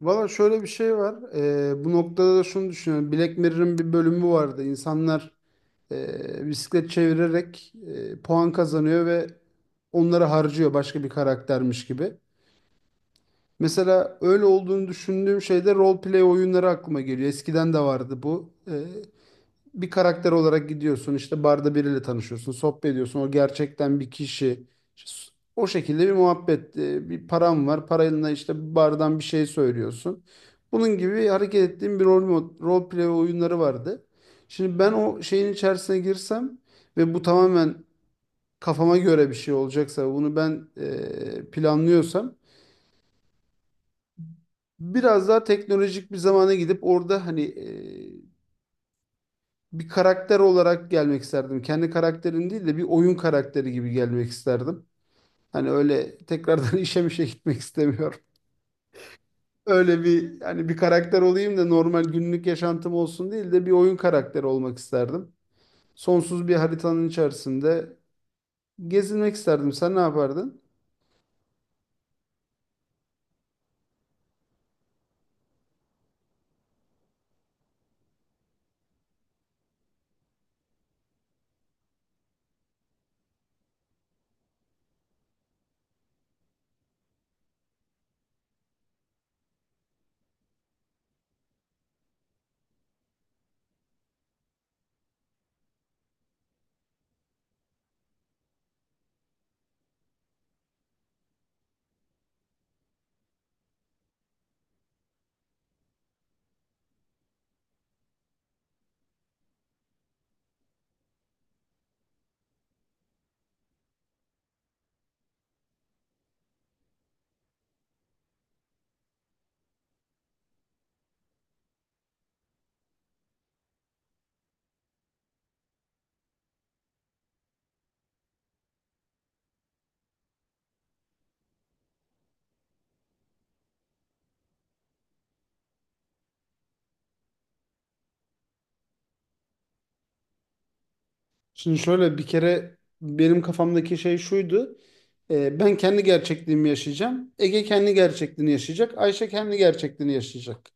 Valla şöyle bir şey var. Bu noktada da şunu düşünüyorum. Black Mirror'ın bir bölümü vardı. İnsanlar bisiklet çevirerek puan kazanıyor ve onları harcıyor başka bir karaktermiş gibi. Mesela öyle olduğunu düşündüğüm şeyde role play oyunları aklıma geliyor. Eskiden de vardı bu. Bir karakter olarak gidiyorsun, işte barda biriyle tanışıyorsun, sohbet ediyorsun, o gerçekten bir kişi. İşte o şekilde bir muhabbet, bir param var, parayla işte bardan bir şey söylüyorsun, bunun gibi hareket ettiğim bir rol play oyunları vardı. Şimdi ben o şeyin içerisine girsem ve bu tamamen kafama göre bir şey olacaksa, bunu ben planlıyorsam, biraz daha teknolojik bir zamana gidip orada hani bir karakter olarak gelmek isterdim. Kendi karakterin değil de bir oyun karakteri gibi gelmek isterdim. Hani öyle tekrardan işe mişe gitmek istemiyorum. Öyle bir hani bir karakter olayım da normal günlük yaşantım olsun değil de bir oyun karakteri olmak isterdim. Sonsuz bir haritanın içerisinde gezinmek isterdim. Sen ne yapardın? Şimdi şöyle, bir kere benim kafamdaki şey şuydu. Ben kendi gerçekliğimi yaşayacağım. Ege kendi gerçekliğini yaşayacak. Ayşe kendi gerçekliğini yaşayacak.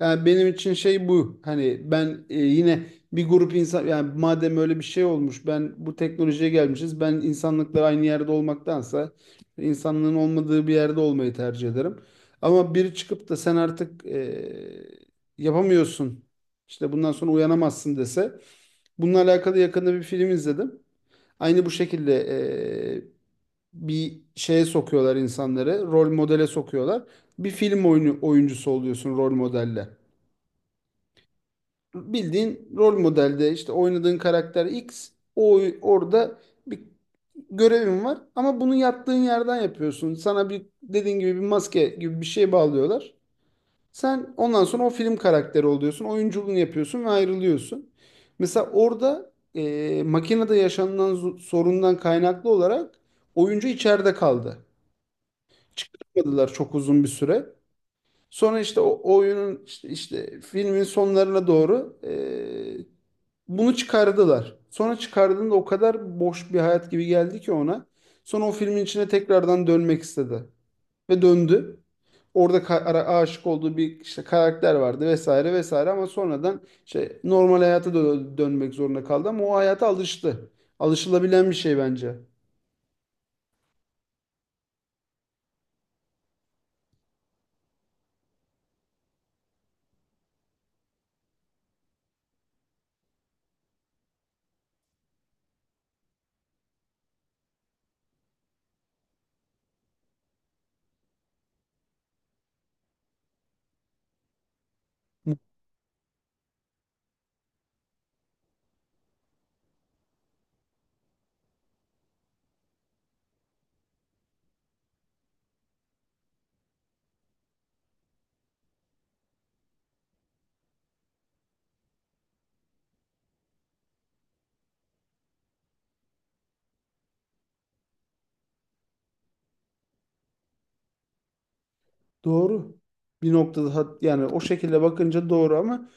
Yani benim için şey bu. Hani ben yine bir grup insan, yani madem öyle bir şey olmuş, ben bu teknolojiye gelmişiz. Ben insanlıkla aynı yerde olmaktansa insanlığın olmadığı bir yerde olmayı tercih ederim. Ama biri çıkıp da sen artık yapamıyorsun, İşte bundan sonra uyanamazsın dese. Bununla alakalı yakında bir film izledim. Aynı bu şekilde e, bir şeye sokuyorlar insanları. Rol modele sokuyorlar. Bir oyuncusu oluyorsun rol modelle, bildiğin rol modelde işte oynadığın karakter X. O orada bir görevin var ama bunu yattığın yerden yapıyorsun. Sana bir dediğin gibi bir maske gibi bir şey bağlıyorlar. Sen ondan sonra o film karakteri oluyorsun. Oyunculuğunu yapıyorsun ve ayrılıyorsun. Mesela orada makinede yaşanılan sorundan kaynaklı olarak oyuncu içeride kaldı. Çıkartmadılar çok uzun bir süre. Sonra işte o oyunun işte filmin sonlarına doğru bunu çıkardılar. Sonra çıkardığında o kadar boş bir hayat gibi geldi ki ona. Sonra o filmin içine tekrardan dönmek istedi ve döndü. Orada aşık olduğu bir işte karakter vardı vesaire vesaire, ama sonradan işte normal hayata dönmek zorunda kaldı, ama o hayata alıştı. Alışılabilen bir şey bence. Doğru. Bir noktada yani o şekilde bakınca doğru ama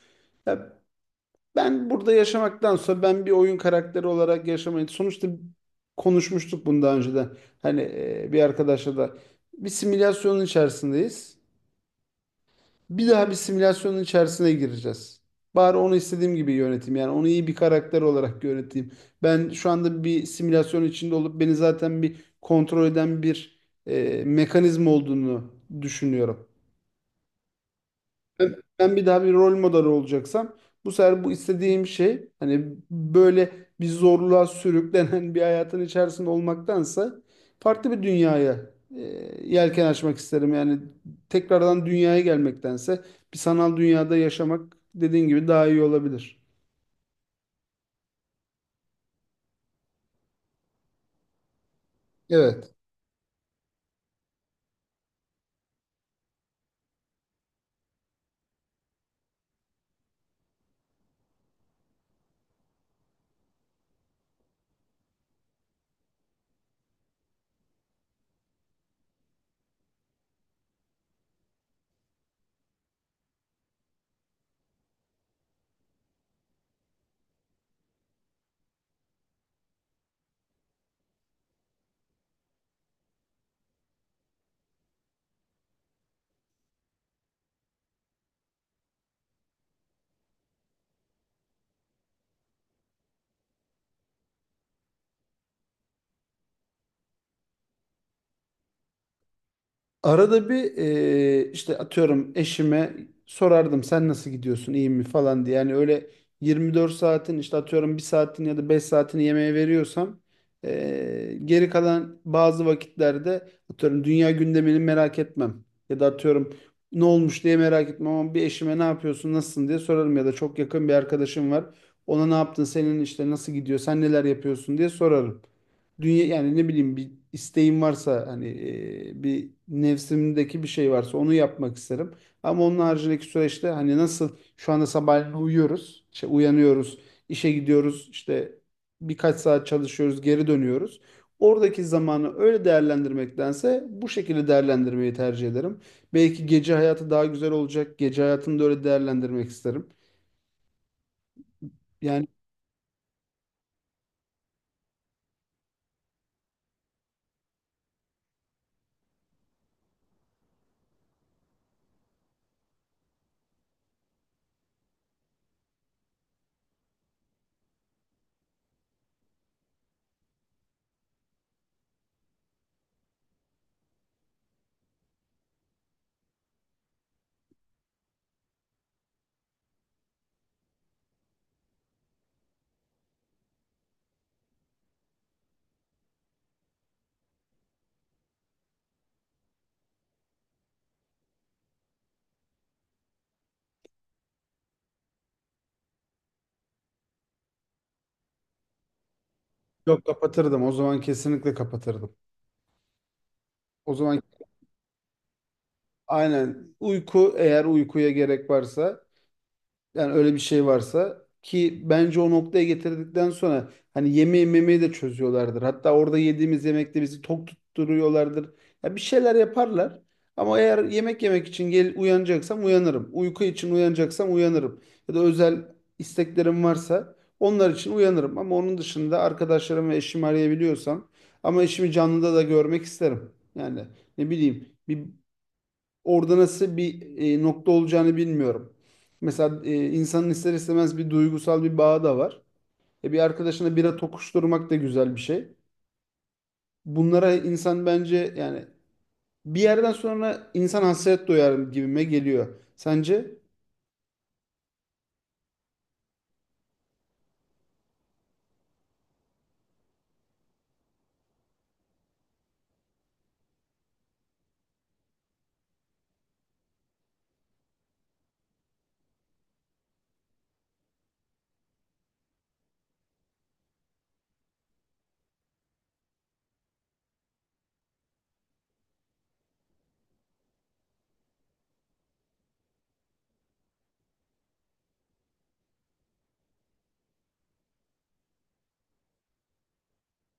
ya, ben burada yaşamaktansa ben bir oyun karakteri olarak yaşamayı, sonuçta konuşmuştuk bunu daha önceden. Hani bir arkadaşla da, bir simülasyonun içerisindeyiz. Bir daha bir simülasyonun içerisine gireceğiz. Bari onu istediğim gibi yöneteyim. Yani onu iyi bir karakter olarak yöneteyim. Ben şu anda bir simülasyon içinde olup beni zaten bir kontrol eden bir mekanizma olduğunu düşünüyorum. Ben bir daha bir rol model olacaksam, bu sefer bu istediğim şey, hani böyle bir zorluğa sürüklenen bir hayatın içerisinde olmaktansa farklı bir dünyaya e, yelken açmak isterim. Yani tekrardan dünyaya gelmektense bir sanal dünyada yaşamak, dediğin gibi, daha iyi olabilir. Evet. Arada bir işte atıyorum eşime sorardım, sen nasıl gidiyorsun, iyi mi falan diye. Yani öyle 24 saatin işte atıyorum bir saatin ya da 5 saatini yemeğe veriyorsam, geri kalan bazı vakitlerde atıyorum dünya gündemini merak etmem. Ya da atıyorum ne olmuş diye merak etmem, ama bir eşime ne yapıyorsun, nasılsın diye sorarım. Ya da çok yakın bir arkadaşım var, ona ne yaptın, senin işte nasıl gidiyor, sen neler yapıyorsun diye sorarım. Dünya, yani ne bileyim, bir isteğim varsa, hani bir nefsimdeki bir şey varsa onu yapmak isterim. Ama onun haricindeki süreçte, hani nasıl şu anda sabahleyin uyuyoruz, işte uyanıyoruz, işe gidiyoruz, işte birkaç saat çalışıyoruz, geri dönüyoruz. Oradaki zamanı öyle değerlendirmektense bu şekilde değerlendirmeyi tercih ederim. Belki gece hayatı daha güzel olacak. Gece hayatını da öyle değerlendirmek isterim. Yani yok, kapatırdım. O zaman kesinlikle kapatırdım. O zaman aynen. Uyku, eğer uykuya gerek varsa, yani öyle bir şey varsa ki, bence o noktaya getirdikten sonra hani yemeği memeyi de çözüyorlardır. Hatta orada yediğimiz yemekte bizi tok tutturuyorlardır. Ya bir şeyler yaparlar. Ama eğer yemek yemek için gel uyanacaksam, uyanırım. Uyku için uyanacaksam uyanırım. Ya da özel isteklerim varsa onlar için uyanırım. Ama onun dışında arkadaşlarım ve eşimi arayabiliyorsam, ama eşimi canlıda da görmek isterim. Yani ne bileyim, bir orada nasıl bir nokta olacağını bilmiyorum. Mesela insanın ister istemez bir duygusal bir bağı da var. Bir arkadaşına bira tokuşturmak da güzel bir şey. Bunlara insan bence, yani bir yerden sonra insan hasret duyar gibime geliyor. Sence?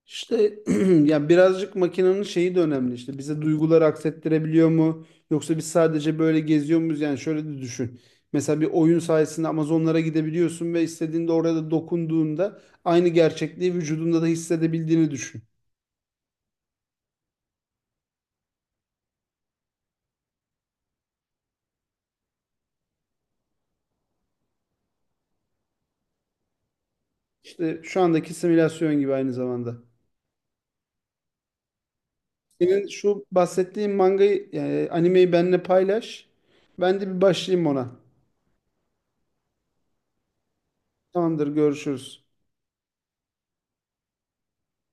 İşte ya birazcık makinenin şeyi de önemli, işte bize duyguları aksettirebiliyor mu, yoksa biz sadece böyle geziyor muyuz? Yani şöyle de düşün. Mesela bir oyun sayesinde Amazonlara gidebiliyorsun ve istediğinde orada dokunduğunda aynı gerçekliği vücudunda da hissedebildiğini düşün. İşte şu andaki simülasyon gibi aynı zamanda. Senin şu bahsettiğin mangayı yani animeyi benimle paylaş. Ben de bir başlayayım ona. Tamamdır, görüşürüz.